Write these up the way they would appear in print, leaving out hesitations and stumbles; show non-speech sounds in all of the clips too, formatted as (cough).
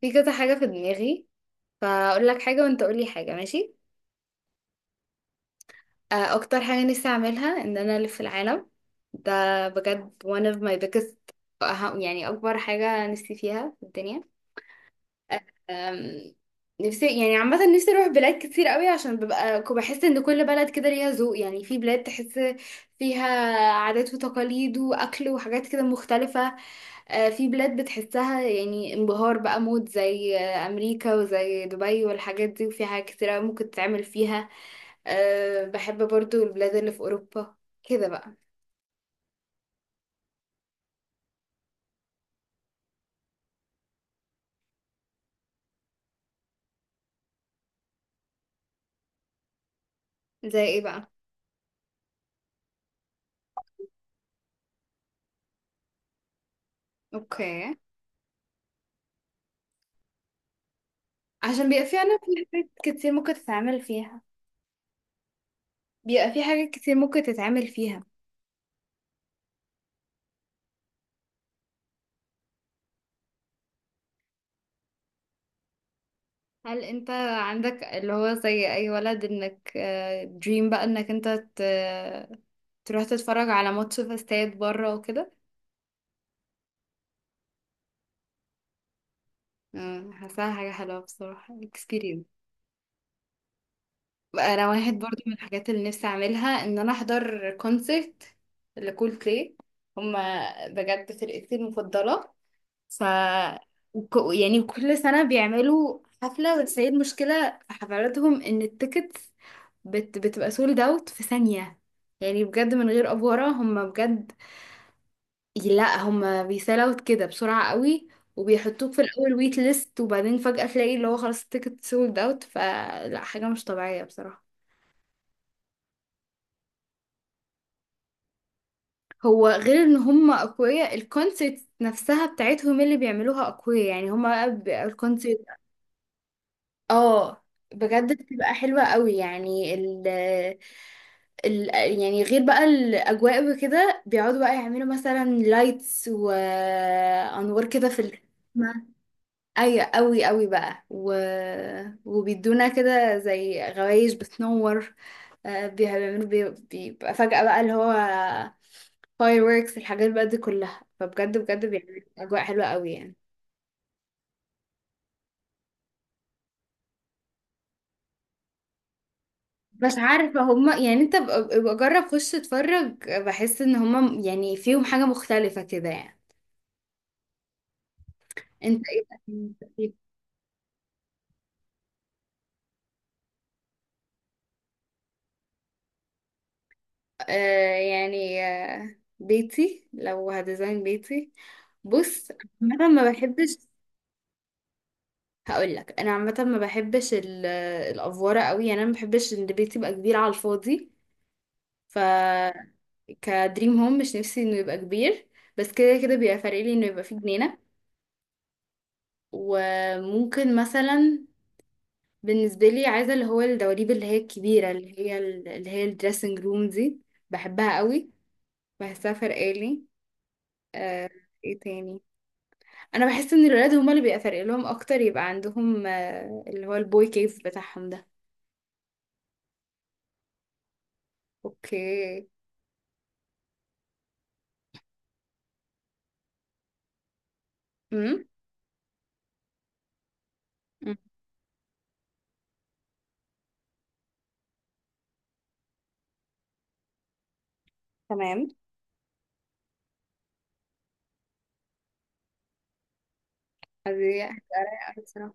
في كذا حاجة في دماغي، فأقول لك حاجة وأنت قولي حاجة، ماشي. أكتر حاجة نفسي أعملها إن أنا ألف العالم. ده بجد one of my biggest. يعني أكبر حاجة نفسي فيها في الدنيا. أم، نفسي يعني عامة نفسي أروح بلاد كتير قوي، عشان ببقى بحس إن كل بلد كده ليها ذوق. يعني في بلاد تحس فيها عادات وتقاليد وأكل وحاجات كده مختلفة. آه، في بلاد بتحسها يعني انبهار بقى، مود زي أمريكا وزي دبي والحاجات دي، وفي حاجات كتير أوي ممكن تتعمل فيها. أه، بحب برضو البلاد اللي في أوروبا، كده بقى. زي ايه بقى؟ اوكي. عشان بيبقى في أنا في حاجات كتير ممكن تتعمل فيها. بيبقى في حاجات كتير ممكن تتعمل فيها. هل انت عندك اللي هو زي أي ولد، انك دريم بقى انك انت ت- تروح تتفرج على ماتش في استاد بره وكده؟ مم، حاساها حاجة حلوة بصراحة، experience. انا واحد برضو من الحاجات اللي نفسي اعملها ان انا احضر كونسرت لكول بلاي. هما بجد فرقتي المفضله. ف يعني كل سنه بيعملوا حفله، بس هي المشكله في حفلاتهم ان التيكتس بتبقى سولد اوت في ثانيه. يعني بجد من غير افوره هما بجد لا هما بيسال اوت كده بسرعه قوي. وبيحطوك في الاول ويت ليست، وبعدين فجاه تلاقي اللي هو خلاص التيكت سولد اوت، فلا حاجه مش طبيعيه بصراحه. هو غير ان هم اقوياء، الكونسيبت نفسها بتاعتهم اللي بيعملوها اقوياء، يعني هم الكونسيبت. اه، بجد بتبقى حلوة قوي. يعني ال يعني غير بقى الاجواء وكده، بيقعدوا بقى يعملوا مثلا لايتس وانوار كده في السما. ايوه، قوي قوي بقى، وبيدونا كده زي غوايش بتنور. آه، بيعملوا بيبقى فجأة بقى اللي هو fireworks، الحاجات بقى دي كلها، فبجد بجد بيعملوا اجواء حلوة قوي يعني. مش عارفة هما يعني، انت ابقى جرب خش اتفرج، بحس ان هما يعني فيهم حاجة مختلفة كده يعني. انت ايه بقى من تفكير؟ آه، يعني آه، بيتي لو هديزاين بيتي، بص، انا ما بحبش. هقول لك انا عامه ما بحبش الافوره قوي، يعني انا ما بحبش ان البيت يبقى كبير على الفاضي. ف كدريم هوم مش نفسي انه يبقى كبير، بس كده كده بيبقى فارق لي انه يبقى فيه جنينه. وممكن مثلا بالنسبه لي عايزه اللي هو الدواليب اللي هي الكبيره اللي هي اللي هي الدريسنج روم دي، بحبها قوي، بحسها فارقه لي. آه، ايه تاني؟ انا بحس ان الولاد هما اللي بيبقى فارق لهم اكتر يبقى عندهم، آه، اللي هو البوي كيف بتاعهم ده. اوكي. امم. تمام. دي هتبقى رايقة أوي بصراحة.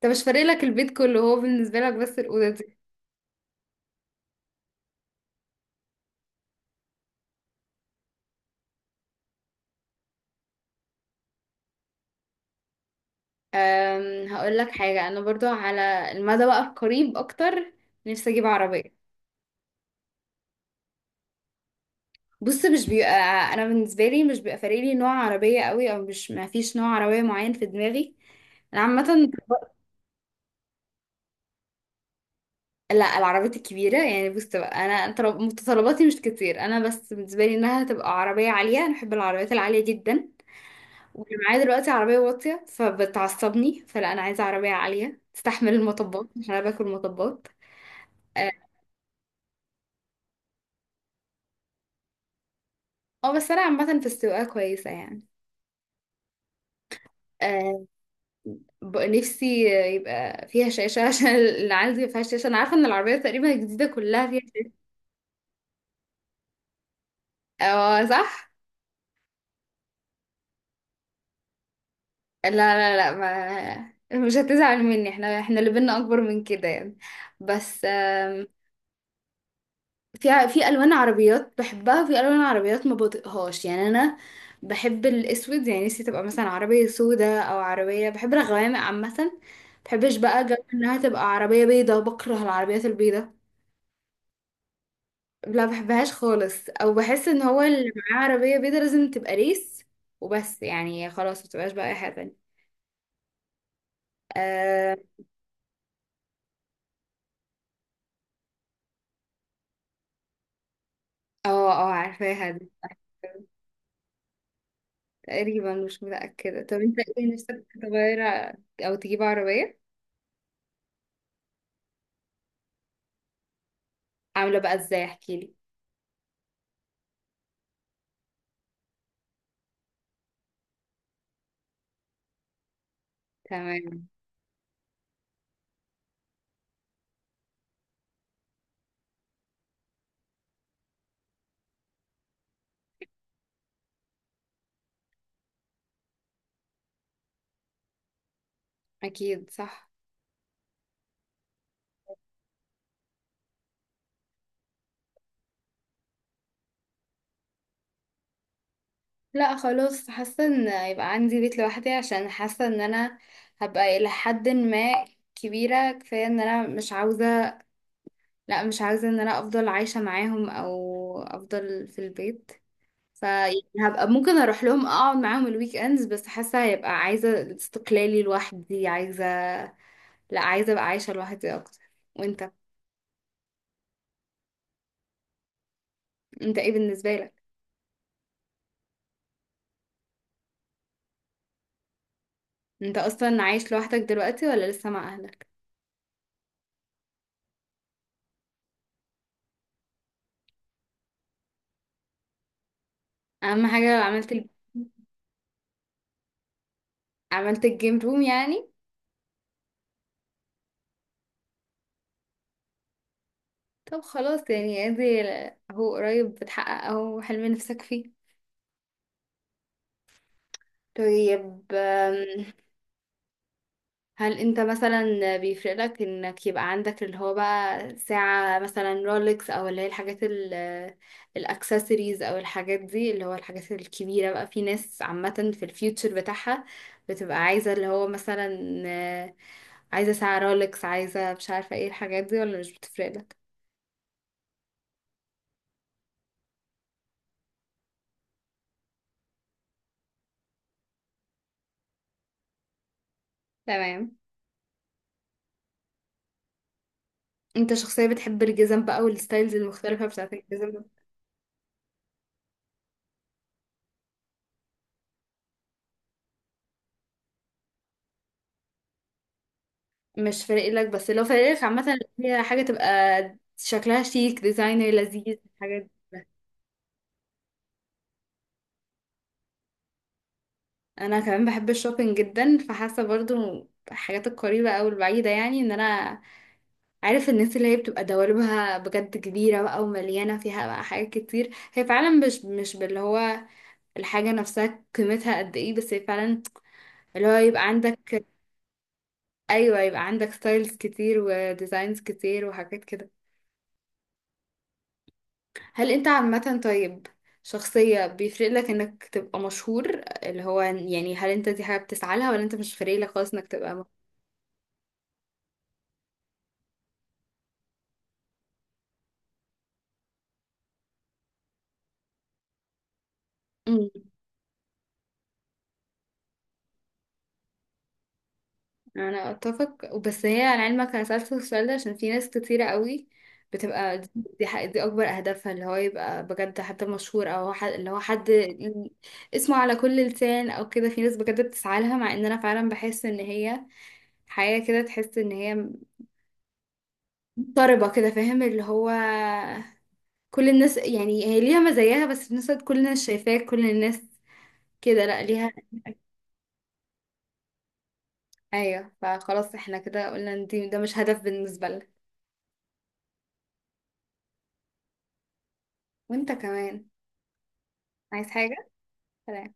طب مش فارق لك البيت كله، هو بالنسبة لك بس الأوضة دي. أم، هقول لك حاجة، أنا برضو على المدى بقى القريب أكتر نفسي أجيب عربية. بص، مش بيبقى، أنا بالنسبة لي مش بيبقى فارق لي نوع عربية قوي، أو مش، ما فيش نوع عربية معين في دماغي. أنا عامة، لا العربيات الكبيرة، يعني بص بقى، أنا متطلباتي مش كتير، أنا بس بالنسبة لي إنها تبقى عربية عالية، أنا بحب العربيات العالية جدا. وانا معايا دلوقتي عربية واطية فبتعصبني، فلا انا عايزة عربية عالية تستحمل المطبات، عشان انا باكل مطبات. اه. آه، بس انا عامة في السواقة كويسة يعني. آه، نفسي يبقى فيها شاشة (laughs) عشان اللي عندي ما فيهاش شاشة. أنا عارفة إن العربية تقريبا الجديدة كلها فيها شاشة. اه، صح؟ لا لا لا، ما مش هتزعل مني، احنا اللي بينا أكبر من كده يعني. بس في الوان عربيات بحبها، في الوان عربيات ما بطيقهاش يعني. انا بحب الاسود، يعني نفسي تبقى مثلا عربيه سودة، او عربيه بحب الغوامق عامه. بحبش بقى جو انها تبقى عربيه بيضه، بكره العربيات البيضه. لا بحبهاش خالص، او بحس ان هو اللي معاه عربيه بيضه لازم تبقى ريس وبس، يعني خلاص ما تبقاش بقى اي حاجه تانية. اه. اه، آه، عارفاها دي. تقريبا مش متاكده. طب انت ايه نفسك تغير او تجيب عربيه، عامله بقى ازاي، احكيلي. تمام. اكيد صح. لا خلاص، حاسه ان يبقى عندي بيت لوحدي، عشان حاسه ان انا هبقى الى حد ما كبيره كفايه، ان انا مش عاوزه، لا مش عاوزه ان انا افضل عايشه معاهم او افضل في البيت. فهبقى ممكن اروح لهم اقعد معاهم الويك اندز، بس حاسه هيبقى عايزه استقلالي لوحدي، عايزه، لا عايزه ابقى عايشه لوحدي اكتر. وانت، انت ايه بالنسبه لك؟ انت اصلا عايش لوحدك دلوقتي ولا لسه مع اهلك؟ اهم حاجه، عملت الجيم روم يعني؟ طب خلاص يعني ادي، هو قريب بتحقق اهو حلم نفسك فيه. طيب هل انت مثلا بيفرق لك انك يبقى عندك اللي هو بقى ساعة مثلا رولكس، او اللي هي الحاجات الاكسسوارز او الحاجات دي، اللي هو الحاجات الكبيرة بقى؟ في ناس عامة في الفيوتشر بتاعها بتبقى عايزة اللي هو مثلا، آه، عايزة ساعة رولكس، عايزة مش عارفة ايه الحاجات دي، ولا مش بتفرق لك؟ تمام. انت شخصية بتحب الجزم بقى والستايلز المختلفة بتاعت الجزم. مش فارق لك، بس لو فارق لك عامة اللي هي حاجة تبقى شكلها شيك، ديزاينر لذيذ، الحاجات دي. انا كمان بحب الشوبينج جدا، فحاسة برضو الحاجات القريبة او البعيدة، يعني ان انا عارف الناس اللي هي بتبقى دواليبها بجد كبيرة بقى ومليانة فيها بقى حاجات كتير، هي فعلا مش باللي هو الحاجة نفسها قيمتها قد ايه، بس هي فعلا اللي هو يبقى عندك، ايوه يبقى عندك ستايلز كتير وديزاينز كتير وحاجات كده. هل انت عامة، طيب، شخصية بيفرق لك انك تبقى مشهور؟ اللي هو يعني هل انت دي حاجة بتسعى لها ولا انت مش فارق لك خالص انك تبقى مشهور؟ مم. انا اتفق، بس هي على علمك انا سألت السؤال ده عشان في ناس كتيرة قوي بتبقى دي اكبر اهدافها، اللي هو يبقى بجد حتى مشهور، او اللي هو حد اسمه على كل لسان او كده. في ناس بجد بتسعى لها، مع ان انا فعلا بحس ان هي حياة كده تحس ان هي مضطربة كده، فاهم؟ اللي هو كل الناس يعني، هي ليها مزاياها، بس في نفس الوقت كل الناس شايفاك، كل الناس كده، لا ليها. ايوه فخلاص احنا كده قلنا ان ده مش هدف بالنسبة لنا. وانت كمان، عايز حاجة؟ سلام.